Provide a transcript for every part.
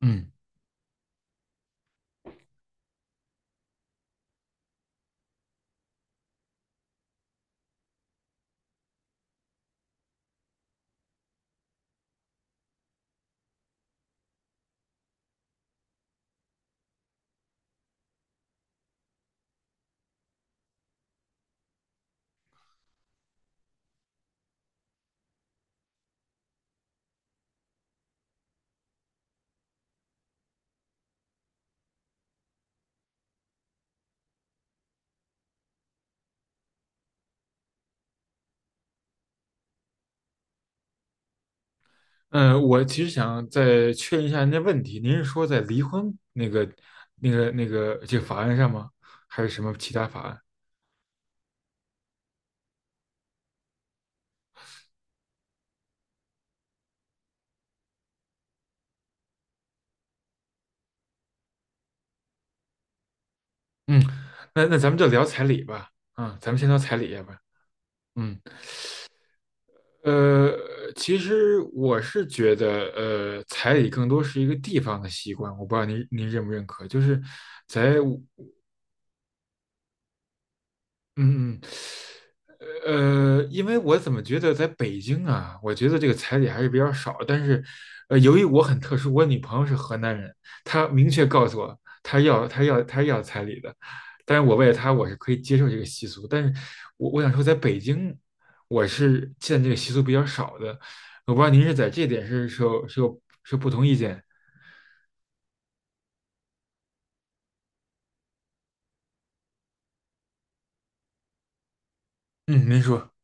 嗯，我其实想再确认一下您的问题，您是说在离婚这个法案上吗？还是什么其他法案？嗯，那咱们就聊彩礼吧。啊、咱们先聊彩礼，要不然，嗯，呃，其实我是觉得，彩礼更多是一个地方的习惯，我不知道您认不认可，就是在嗯因为我怎么觉得在北京啊，我觉得这个彩礼还是比较少。但是，由于我很特殊，我女朋友是河南人，她明确告诉我，她要彩礼的。但是我为了她，我是可以接受这个习俗。但是我想说，在北京，我是见这个习俗比较少的。我不知道您是在这点是是有是有是有不同意见？嗯，您说，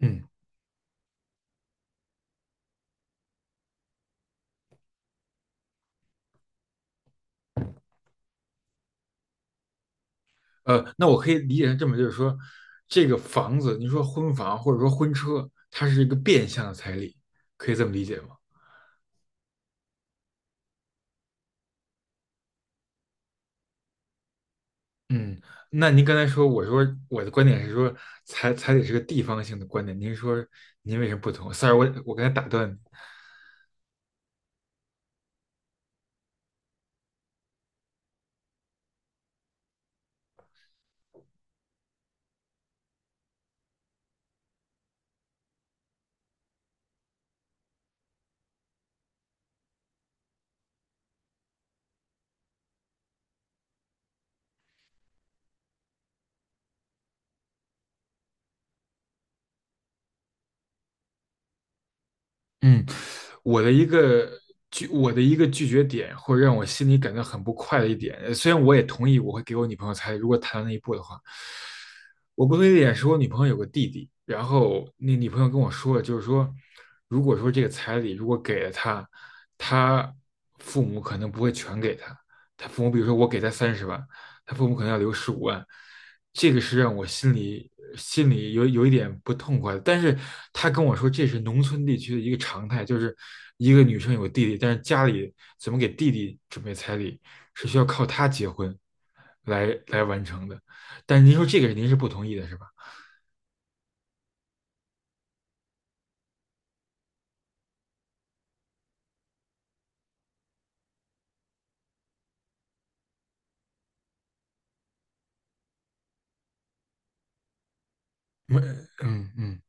嗯。那我可以理解成这么，就是说，这个房子，你说婚房或者说婚车，它是一个变相的彩礼，可以这么理解吗？嗯，那您刚才说，我说我的观点是说，彩礼是个地方性的观点，您说您为什么不同？sorry,我刚才打断你。嗯，我的一个我的一个拒绝点，或者让我心里感到很不快的一点，虽然我也同意我会给我女朋友彩礼，如果谈到那一步的话，我不同意的点是我女朋友有个弟弟，然后那女朋友跟我说了，就是说，如果说这个彩礼如果给了他，他父母可能不会全给他，他父母比如说我给他30万，他父母可能要留15万，这个是让我心里有一点不痛快的。但是他跟我说，这是农村地区的一个常态，就是一个女生有弟弟，但是家里怎么给弟弟准备彩礼，是需要靠他结婚来完成的。但是您说这个您是不同意的，是吧？嗯嗯嗯。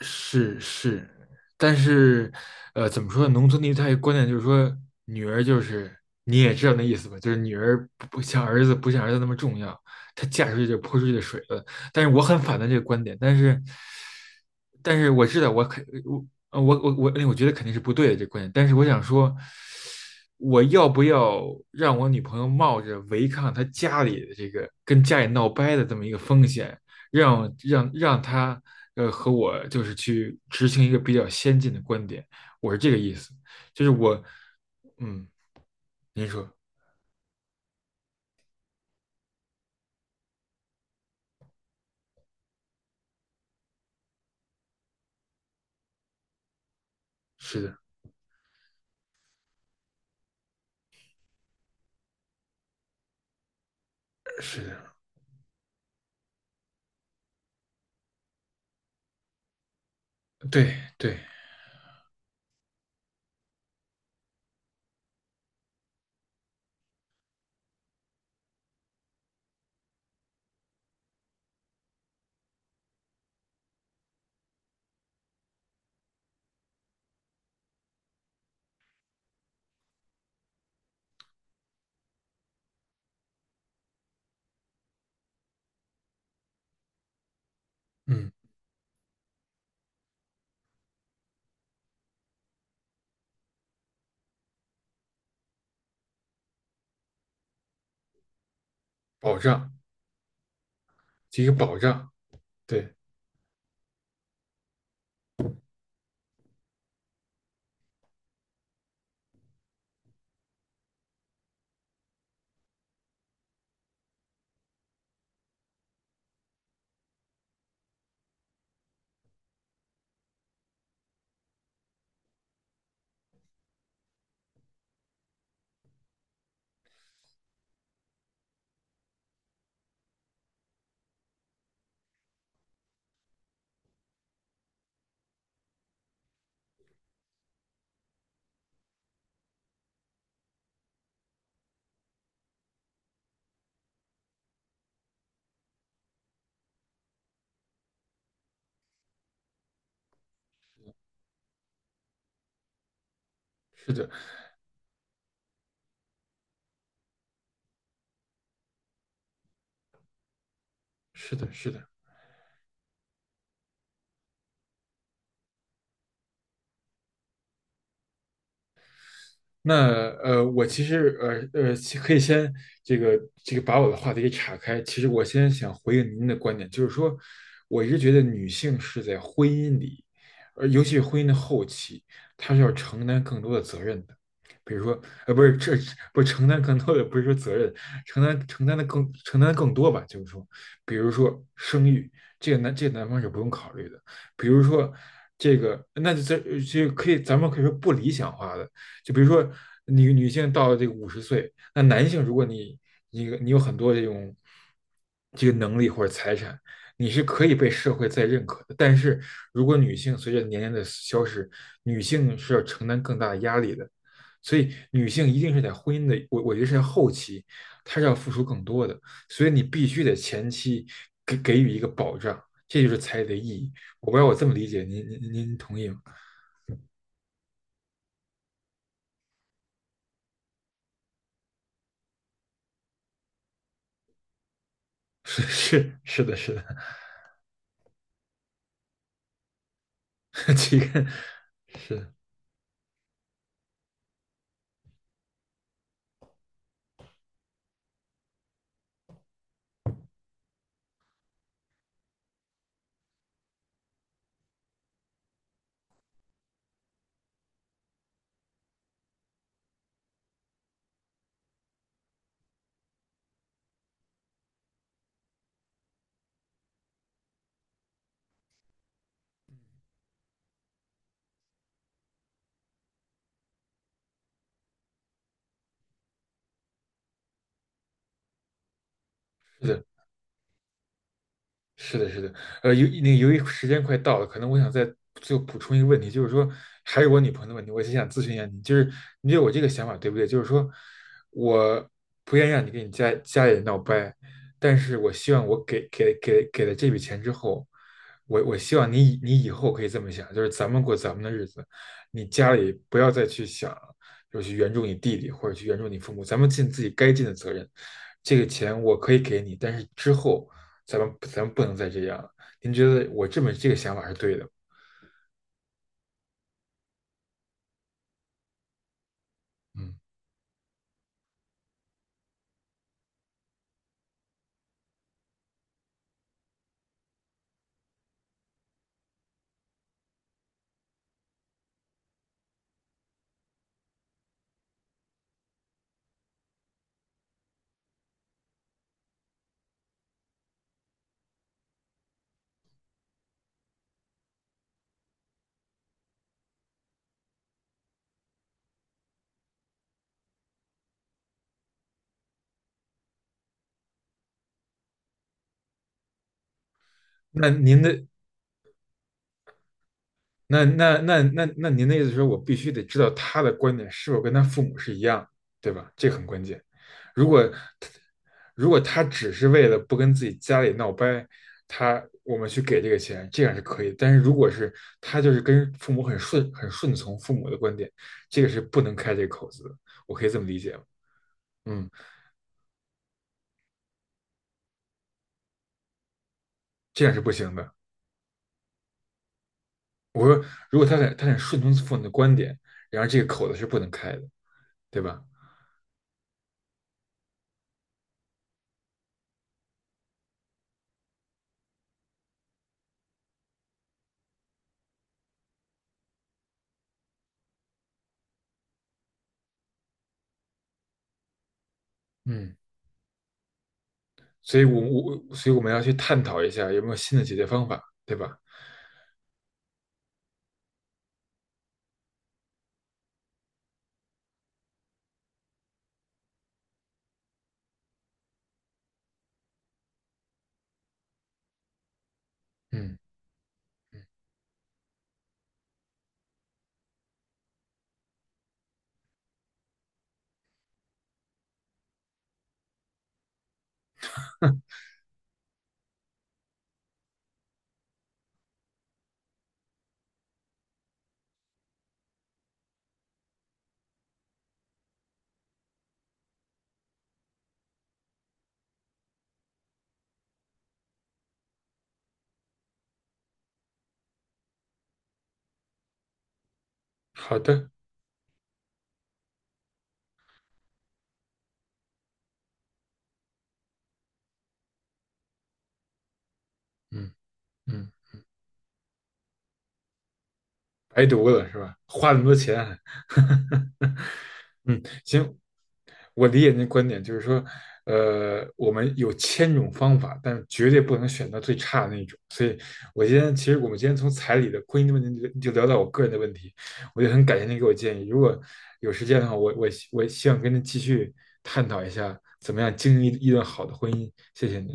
是是，但是，怎么说呢？农村地区它有观念就是说，女儿就是你也知道那意思吧，就是女儿不像儿子那么重要，她嫁出去就泼出去的水了。但是我很反对这个观点，但是，但是我知道我觉得肯定是不对的这个观点，但是我想说，我要不要让我女朋友冒着违抗她家里的这个跟家里闹掰的这么一个风险，让她和我就是去执行一个比较先进的观点，我是这个意思，就是我嗯，您说是的，是的，对对，嗯，保障，这个保障，对，是的，是的，是的。那我其实其可以先这个这个把我的话题给岔开。其实我先想回应您的观点，就是说，我一直觉得女性是在婚姻里，尤其是婚姻的后期，她是要承担更多的责任的。比如说，呃，不是这不是承担更多的，不是说责任，承担更多吧，就是说，比如说生育，这个男方是不用考虑的。比如说这个，那这个可以咱们可以说不理想化的。就比如说你女性到了这个50岁，那男性如果你有很多这种这个能力或者财产，你是可以被社会再认可的。但是如果女性随着年龄的消失，女性是要承担更大的压力的，所以女性一定是在婚姻的，我觉得是在后期，她是要付出更多的，所以你必须得前期给给予一个保障，这就是彩礼的意义。我不知道我这么理解，您同意吗？是是是的，是的。这个是是的，是的，是的，由那个由于时间快到了，可能我想再后补充一个问题，就是说还是我女朋友的问题，我就想咨询一下你，就是你觉得我这个想法对不对？就是说我不愿意让你跟你家家里人闹掰，但是我希望我给了这笔钱之后，我希望你以你以后可以这么想，就是咱们过咱们的日子，你家里不要再去想，就是去援助你弟弟或者去援助你父母，咱们尽自己该尽的责任。这个钱我可以给你，但是之后。咱们不能再这样了。您觉得我这么这个想法是对的嗯，那您的那您的意思是说我必须得知道他的观点是否跟他父母是一样，对吧？这个很关键。如果他只是为了不跟自己家里闹掰，他我们去给这个钱，这样是可以。但是如果是他就是跟父母很顺从父母的观点，这个是不能开这个口子的。我可以这么理解吗？嗯，这样是不行的。我说，如果他得顺从父母的观点，然而这个口子是不能开的，对吧？嗯，所以我们要去探讨一下有没有新的解决方法，对吧？嗯，好的，嗯嗯，白读了是吧？花那么多钱啊，嗯，行，我理解您的观点，就是说，我们有千种方法，但是绝对不能选到最差的那种。所以，我今天其实我们今天从彩礼的婚姻的问题就就聊到我个人的问题，我就很感谢您给我建议。如果有时间的话，我我希我希望跟您继续探讨一下怎么样经营一段好的婚姻。谢谢您。